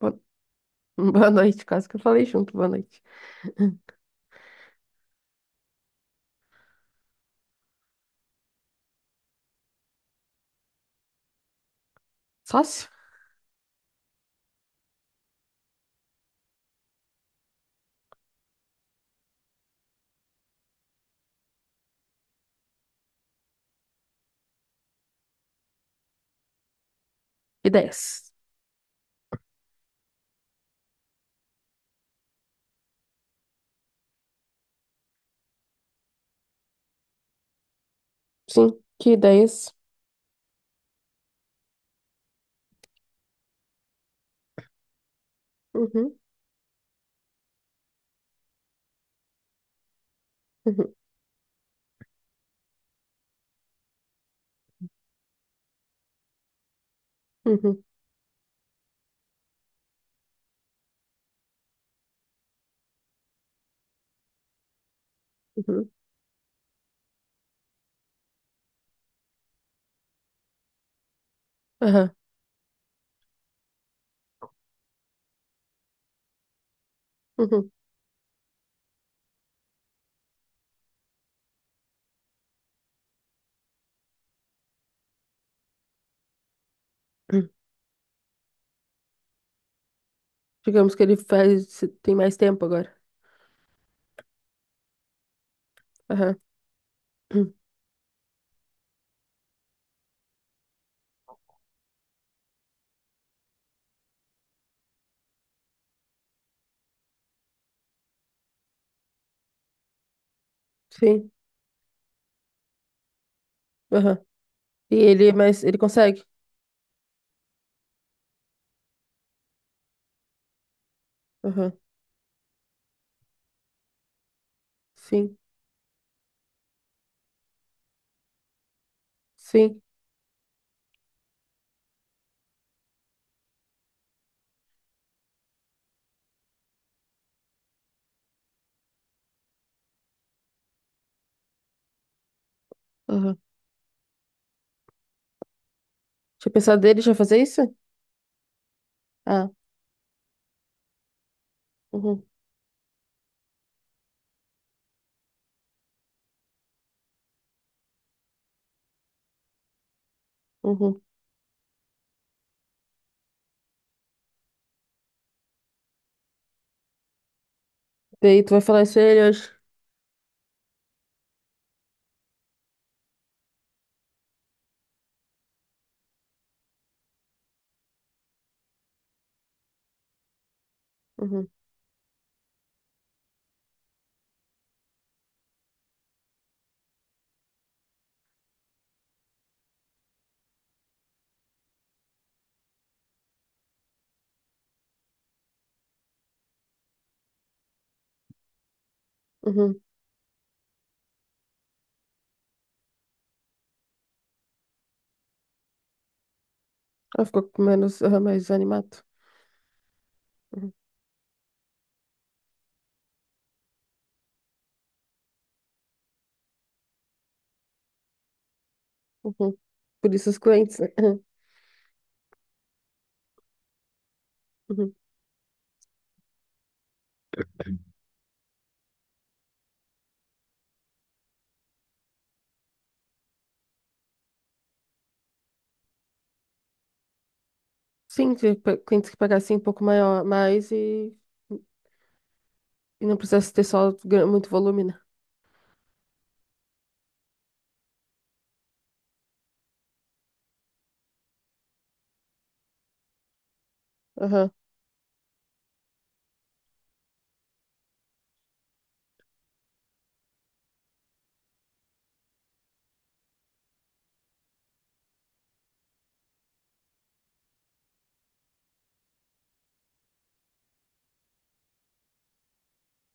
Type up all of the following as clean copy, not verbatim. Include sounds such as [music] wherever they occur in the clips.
Bo- [laughs] Boa noite, quase que eu falei junto, boa noite. Sócio? Ideias. Sim, que ideias? Uhum, uhum, uhum, uhum, aham, uhum, uhum. Digamos que ele faz, tem mais tempo agora. Aham, uhum, sim, aham. E ele, mas ele consegue? Aham, sim, sim, aham. Tinha pensado dele já fazer isso? Ah, uhum, uhum. Daí tu vai falar isso a ele hoje? Uhum, uhum. Ela ficou com menos, aham, mais animado. Uhum, uhum. Por isso os clientes, né? [clears throat] Sim, ver quem tem que pagar assim um pouco maior, mais e não precisa ter só muito volume, né? Aham,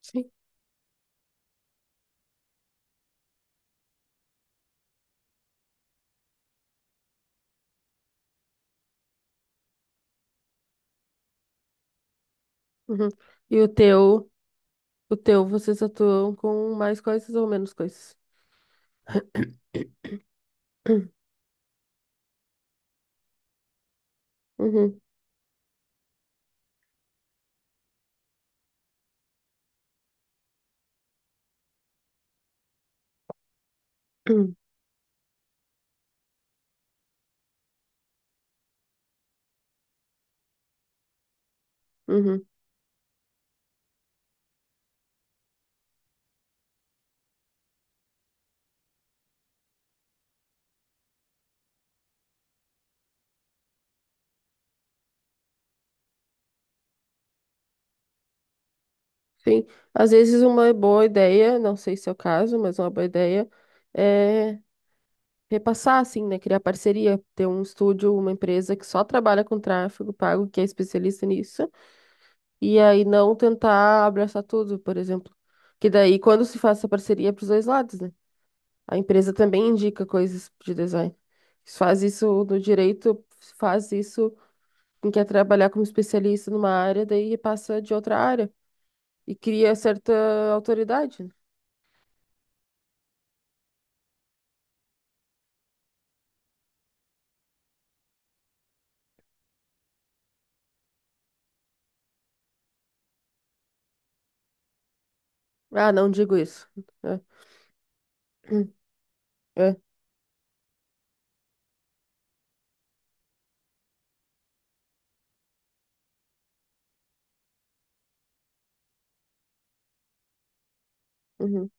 sim. Uhum. E o teu, vocês atuam com mais coisas ou menos coisas? [clears throat] Uhum, [clears throat] uhum, sim. Às vezes uma boa ideia, não sei se é o caso, mas uma boa ideia é repassar, assim, né? Criar parceria, ter um estúdio, uma empresa que só trabalha com tráfego pago, que é especialista nisso. E aí não tentar abraçar tudo, por exemplo. Que daí, quando se faz essa parceria, é para os dois lados, né? A empresa também indica coisas de design. Se faz isso no direito, se faz isso, quem quer trabalhar como especialista numa área, daí passa de outra área e cria certa autoridade, né? Ah, não digo isso. É. Hum, é. Uhum.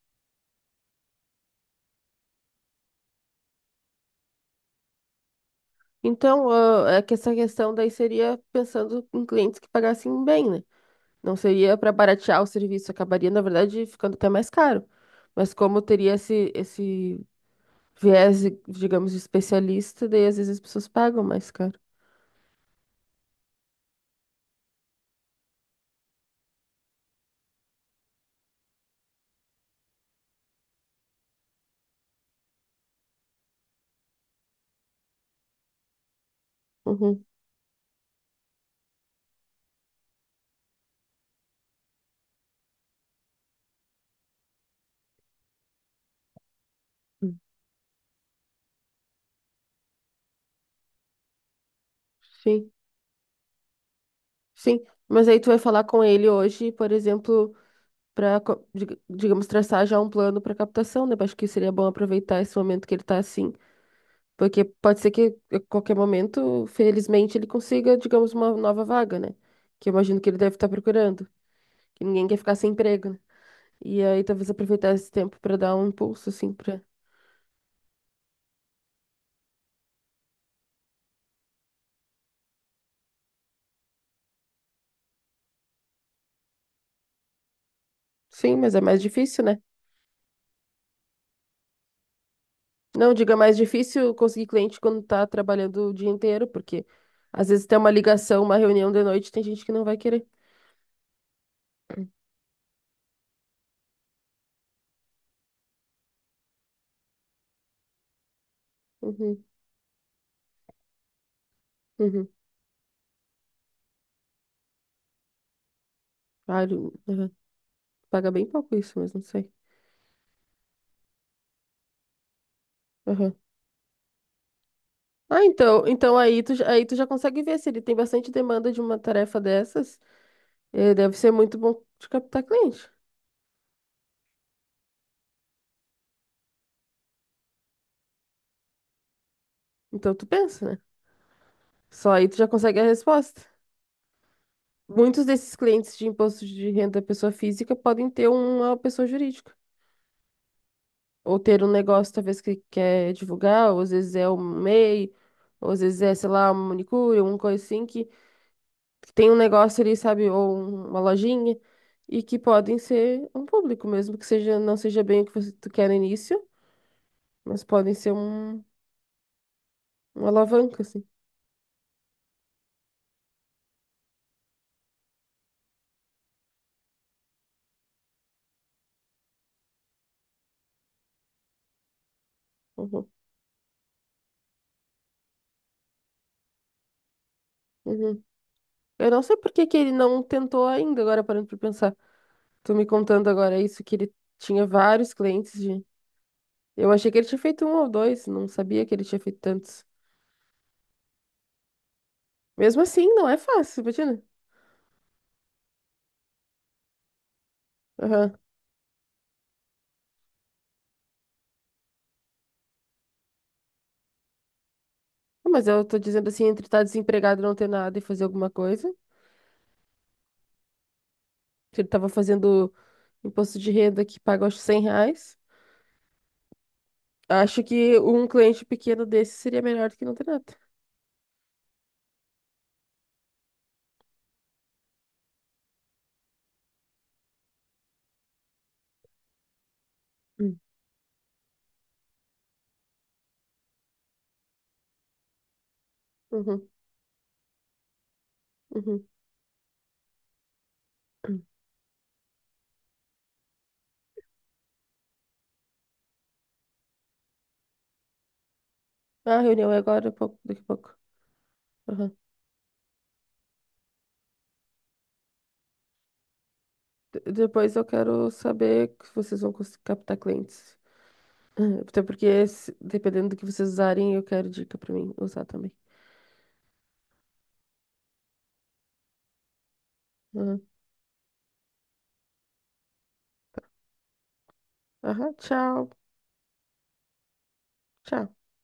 Então, ah, é que essa questão daí seria pensando em clientes que pagassem bem, né? Não seria para baratear o serviço, acabaria, na verdade, ficando até mais caro. Mas como teria esse viés, digamos, de especialista, daí às vezes as pessoas pagam mais caro. Uhum. Sim, sim. Mas aí tu vai falar com ele hoje, por exemplo, para, digamos, traçar já um plano para captação, né? Eu acho que seria bom aproveitar esse momento que ele tá assim. Porque pode ser que a qualquer momento, felizmente, ele consiga, digamos, uma nova vaga, né? Que eu imagino que ele deve estar procurando. Que ninguém quer ficar sem emprego, né? E aí talvez aproveitar esse tempo para dar um impulso, assim, para. Sim, mas é mais difícil, né? Não, diga, é mais difícil conseguir cliente quando tá trabalhando o dia inteiro, porque às vezes tem uma ligação, uma reunião de noite, tem gente que não vai querer. Uhum, uhum. Ah, uhum. Paga bem pouco isso, mas não sei. Uhum. Ah, então aí aí tu já consegue ver se ele tem bastante demanda de uma tarefa dessas, deve ser muito bom de captar cliente. Então tu pensa, né? Só aí tu já consegue a resposta. Muitos desses clientes de imposto de renda da pessoa física podem ter uma pessoa jurídica, ou ter um negócio talvez que quer divulgar, ou às vezes é um MEI, ou às vezes é, sei lá, uma manicure, uma coisa assim, que tem um negócio ali, sabe, ou uma lojinha, e que podem ser um público mesmo, que seja, não seja bem o que você tu quer no início, mas podem ser uma alavanca, assim. Uhum, uhum. Eu não sei por que que ele não tentou ainda, agora parando pra pensar. Tu me contando agora isso, que ele tinha vários clientes de. Eu achei que ele tinha feito um ou dois, não sabia que ele tinha feito tantos. Mesmo assim, não é fácil, imagina. Aham. Não, mas eu tô dizendo assim, entre estar desempregado e não ter nada e fazer alguma coisa. Se ele tava fazendo imposto de renda que paga, acho, R$ 100. Acho que um cliente pequeno desse seria melhor do que não ter nada. Hum. Uhum, uhum. Ah, a reunião é agora, um pouco, daqui a pouco. Aham. Depois eu quero saber se vocês vão captar clientes. Ah, até porque, dependendo do que vocês usarem, eu quero dica pra mim usar também. Aham, tchau. Tchau.